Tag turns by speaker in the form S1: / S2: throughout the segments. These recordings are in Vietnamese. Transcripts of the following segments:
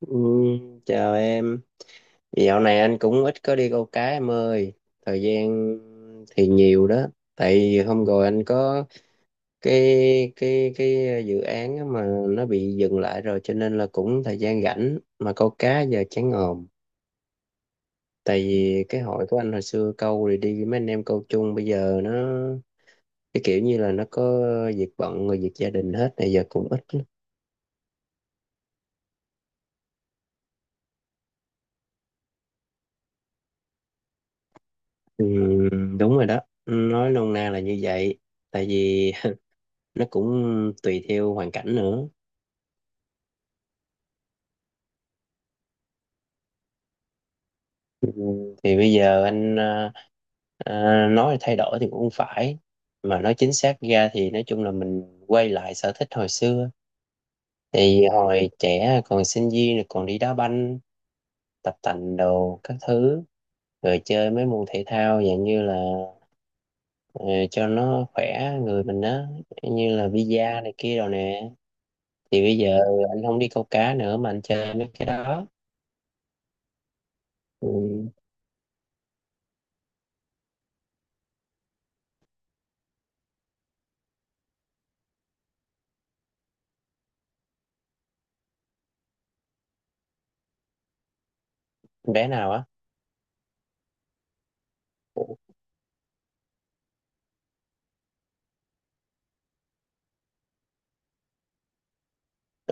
S1: Ừ, chào em. Dạo này anh cũng ít có đi câu cá em ơi. Thời gian thì nhiều đó. Tại vì hôm rồi anh có cái dự án á mà nó bị dừng lại rồi, cho nên là cũng thời gian rảnh mà câu cá giờ chán ngòm. Tại vì cái hội của anh hồi xưa câu rồi đi với mấy anh em câu chung, bây giờ cái kiểu như là nó có việc bận rồi việc gia đình hết, này giờ cũng ít. Ừ, đúng rồi đó. Nói nôm na là như vậy. Tại vì nó cũng tùy theo hoàn cảnh nữa, thì bây giờ anh nói thay đổi thì cũng không phải, mà nói chính xác ra thì nói chung là mình quay lại sở thích hồi xưa. Thì hồi trẻ còn sinh viên rồi còn đi đá banh, tập tành đồ các thứ, rồi chơi mấy môn thể thao dạng như là ờ, cho nó khỏe người mình đó, như là bida này kia rồi nè. Thì bây giờ anh không đi câu cá nữa mà anh chơi mấy cái đó. Ừ. Bé nào á?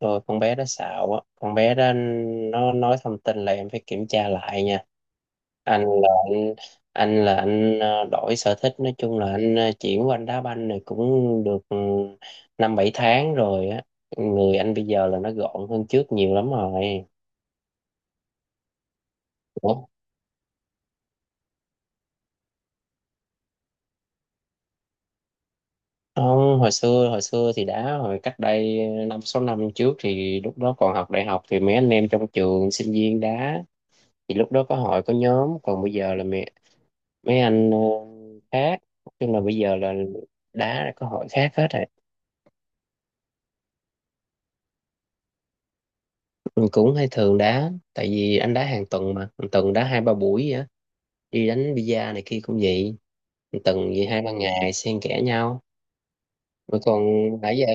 S1: Rồi con bé đó xạo á, con bé đó nó nói thông tin là em phải kiểm tra lại nha. Anh là anh anh là anh đổi sở thích, nói chung là anh chuyển qua anh đá banh này cũng được, 5-7 tháng rồi á. Người anh bây giờ là nó gọn hơn trước nhiều lắm rồi. Ủa? Không, hồi xưa thì đá hồi cách đây 5-6 năm trước, thì lúc đó còn học đại học thì mấy anh em trong trường sinh viên đá, thì lúc đó có hội có nhóm. Còn bây giờ là mấy anh khác, nói chung là bây giờ là đá là có hội khác hết rồi. Mình cũng hay thường đá, tại vì anh đá hàng tuần, mà hàng tuần đá 2-3 buổi vậy á, đi đánh bida này kia cũng vậy, hàng tuần vậy 2-3 ngày xen kẽ nhau. Rồi còn nãy giờ,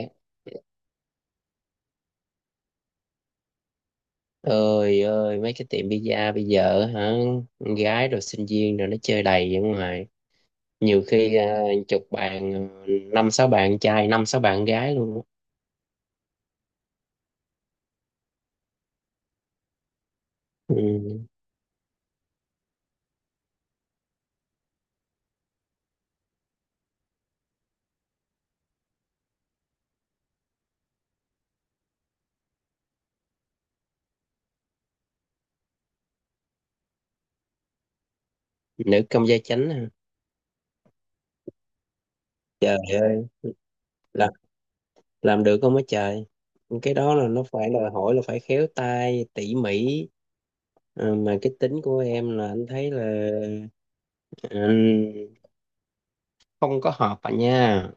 S1: ơi ơi, mấy cái tiệm bida bây giờ hả, con gái rồi sinh viên rồi nó chơi đầy ở ngoài. Nhiều khi chục bàn, 5-6 bàn trai 5-6 bàn gái luôn á. Ừ. Nữ công gia chánh à. Trời ơi, làm làm được không á trời. Cái đó là nó phải đòi hỏi là phải khéo tay tỉ mỉ. Mà cái tính của em là anh thấy là ừ, không có hợp à nha.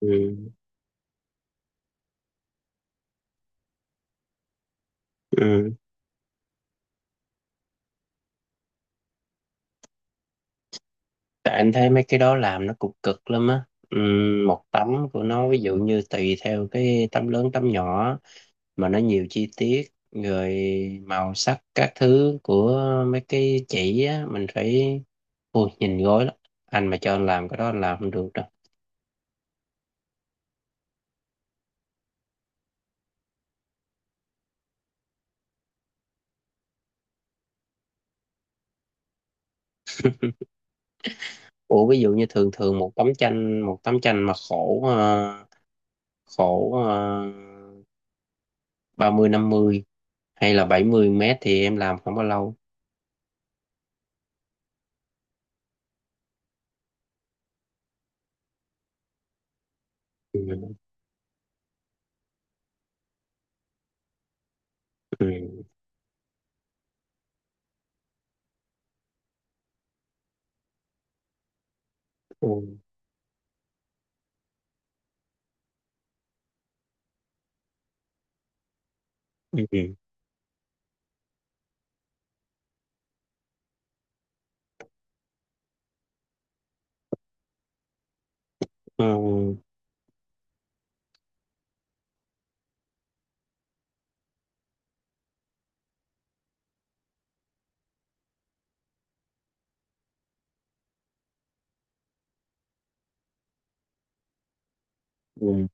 S1: Ừ. Ừ. Tại anh thấy mấy cái đó làm nó cũng cực lắm á. Ừ. Một tấm của nó, ví dụ như tùy theo cái tấm lớn tấm nhỏ mà nó nhiều chi tiết, rồi màu sắc các thứ của mấy cái chỉ á, mình phải... Ôi, nhìn gối lắm, anh mà cho anh làm cái đó anh làm không được. Ủa, ví dụ như thường thường một tấm tranh, mà khổ 30 50 hay là 70 mét thì em làm không bao lâu? Ừ. Ừ. Ừ. Ừ. Ừ. Ừ.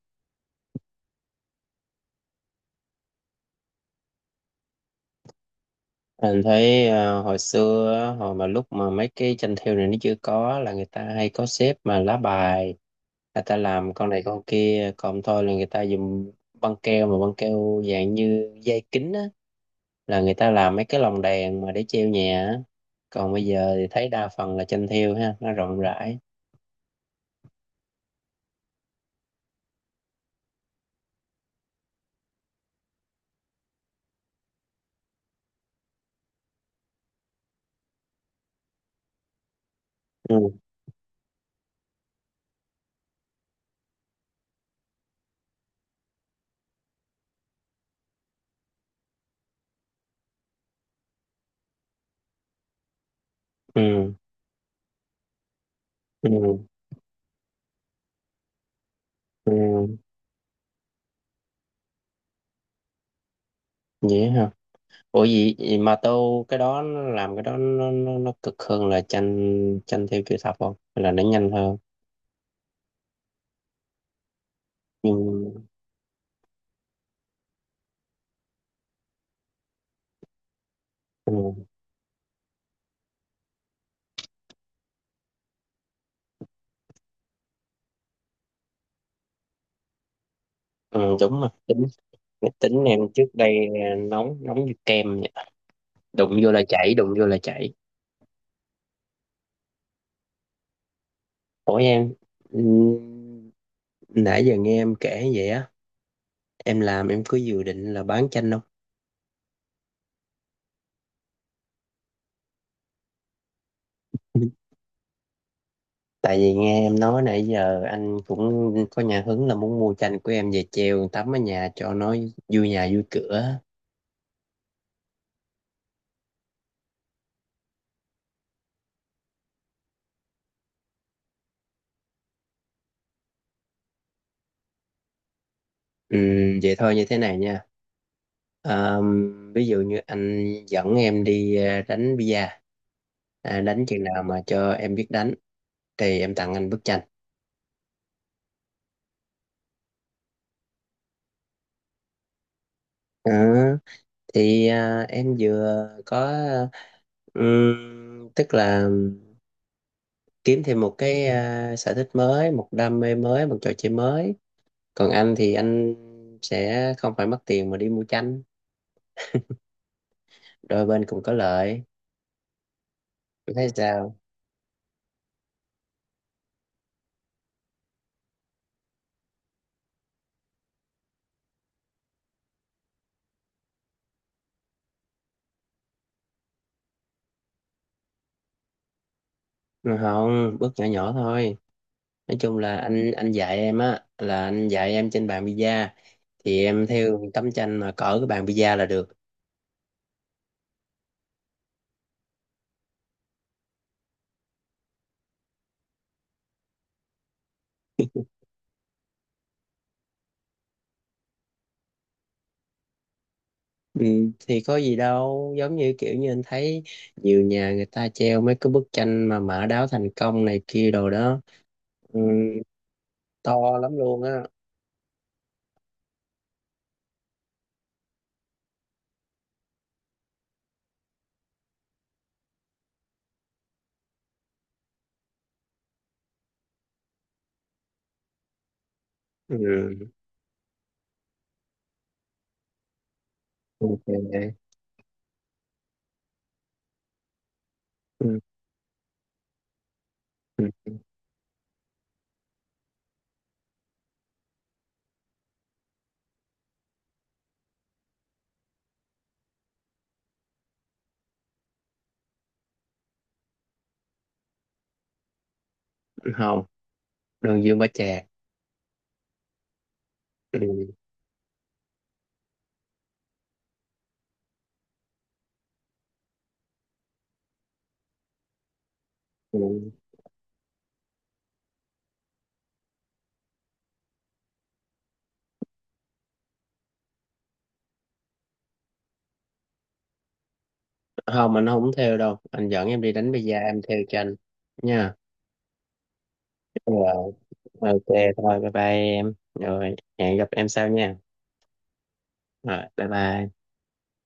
S1: Anh thấy hồi xưa á, hồi mà lúc mà mấy cái tranh thêu này nó chưa có, là người ta hay có xếp mà lá bài, người ta làm con này con kia. Còn thôi là người ta dùng băng keo, mà băng keo dạng như dây kính á, là người ta làm mấy cái lồng đèn mà để treo nhà á. Còn bây giờ thì thấy đa phần là tranh thêu ha, nó rộng rãi. Ừ. Ừ. Ừ. Ừ. Vậy hả? Ủa, gì mà tô cái đó, nó làm cái đó nó, cực hơn là tranh tranh thêu chữ thập không, hay là nó nhanh hơn? Nhưng, ừ, ừ, đúng. Mà tính tính em trước đây nóng, nóng như kem vậy. Đụng vô là chảy, đụng vô là chảy. Ủa em, ừ, nãy giờ nghe em kể vậy á, em làm em cứ dự định là bán chanh. Tại vì nghe em nói nãy giờ anh cũng có nhà hứng là muốn mua tranh của em về treo tắm ở nhà cho nó vui nhà vui cửa. Ừ, vậy thôi như thế này nha. À, ví dụ như anh dẫn em đi à, đánh bia à, đánh chừng nào mà cho em biết đánh thì em tặng anh bức tranh. Ờ, thì à, em vừa có tức là kiếm thêm một cái à, sở thích mới, một đam mê mới, một trò chơi mới. Còn anh thì anh sẽ không phải mất tiền mà đi mua chanh. Đôi bên cũng có lợi. Em thấy sao? Ừ, không, bước nhỏ nhỏ thôi. Nói chung là anh dạy em á, là anh dạy em trên bàn pizza, thì em theo tấm tranh mà cỡ cái bàn pizza là được. Ừ, thì có gì đâu, giống như kiểu như anh thấy nhiều nhà người ta treo mấy cái bức tranh mà mã đáo thành công này kia đồ đó. Ừ, to lắm luôn á. Ừ, ok. Ừ, ừ, ừ, không, đường Dương Bá Trà. Ừ. Ừ. Không, anh không theo đâu, anh dẫn em đi đánh bida em theo cho anh nha. Rồi, ok, thôi bye bye em rồi, hẹn gặp em sau nha. Rồi bye bye.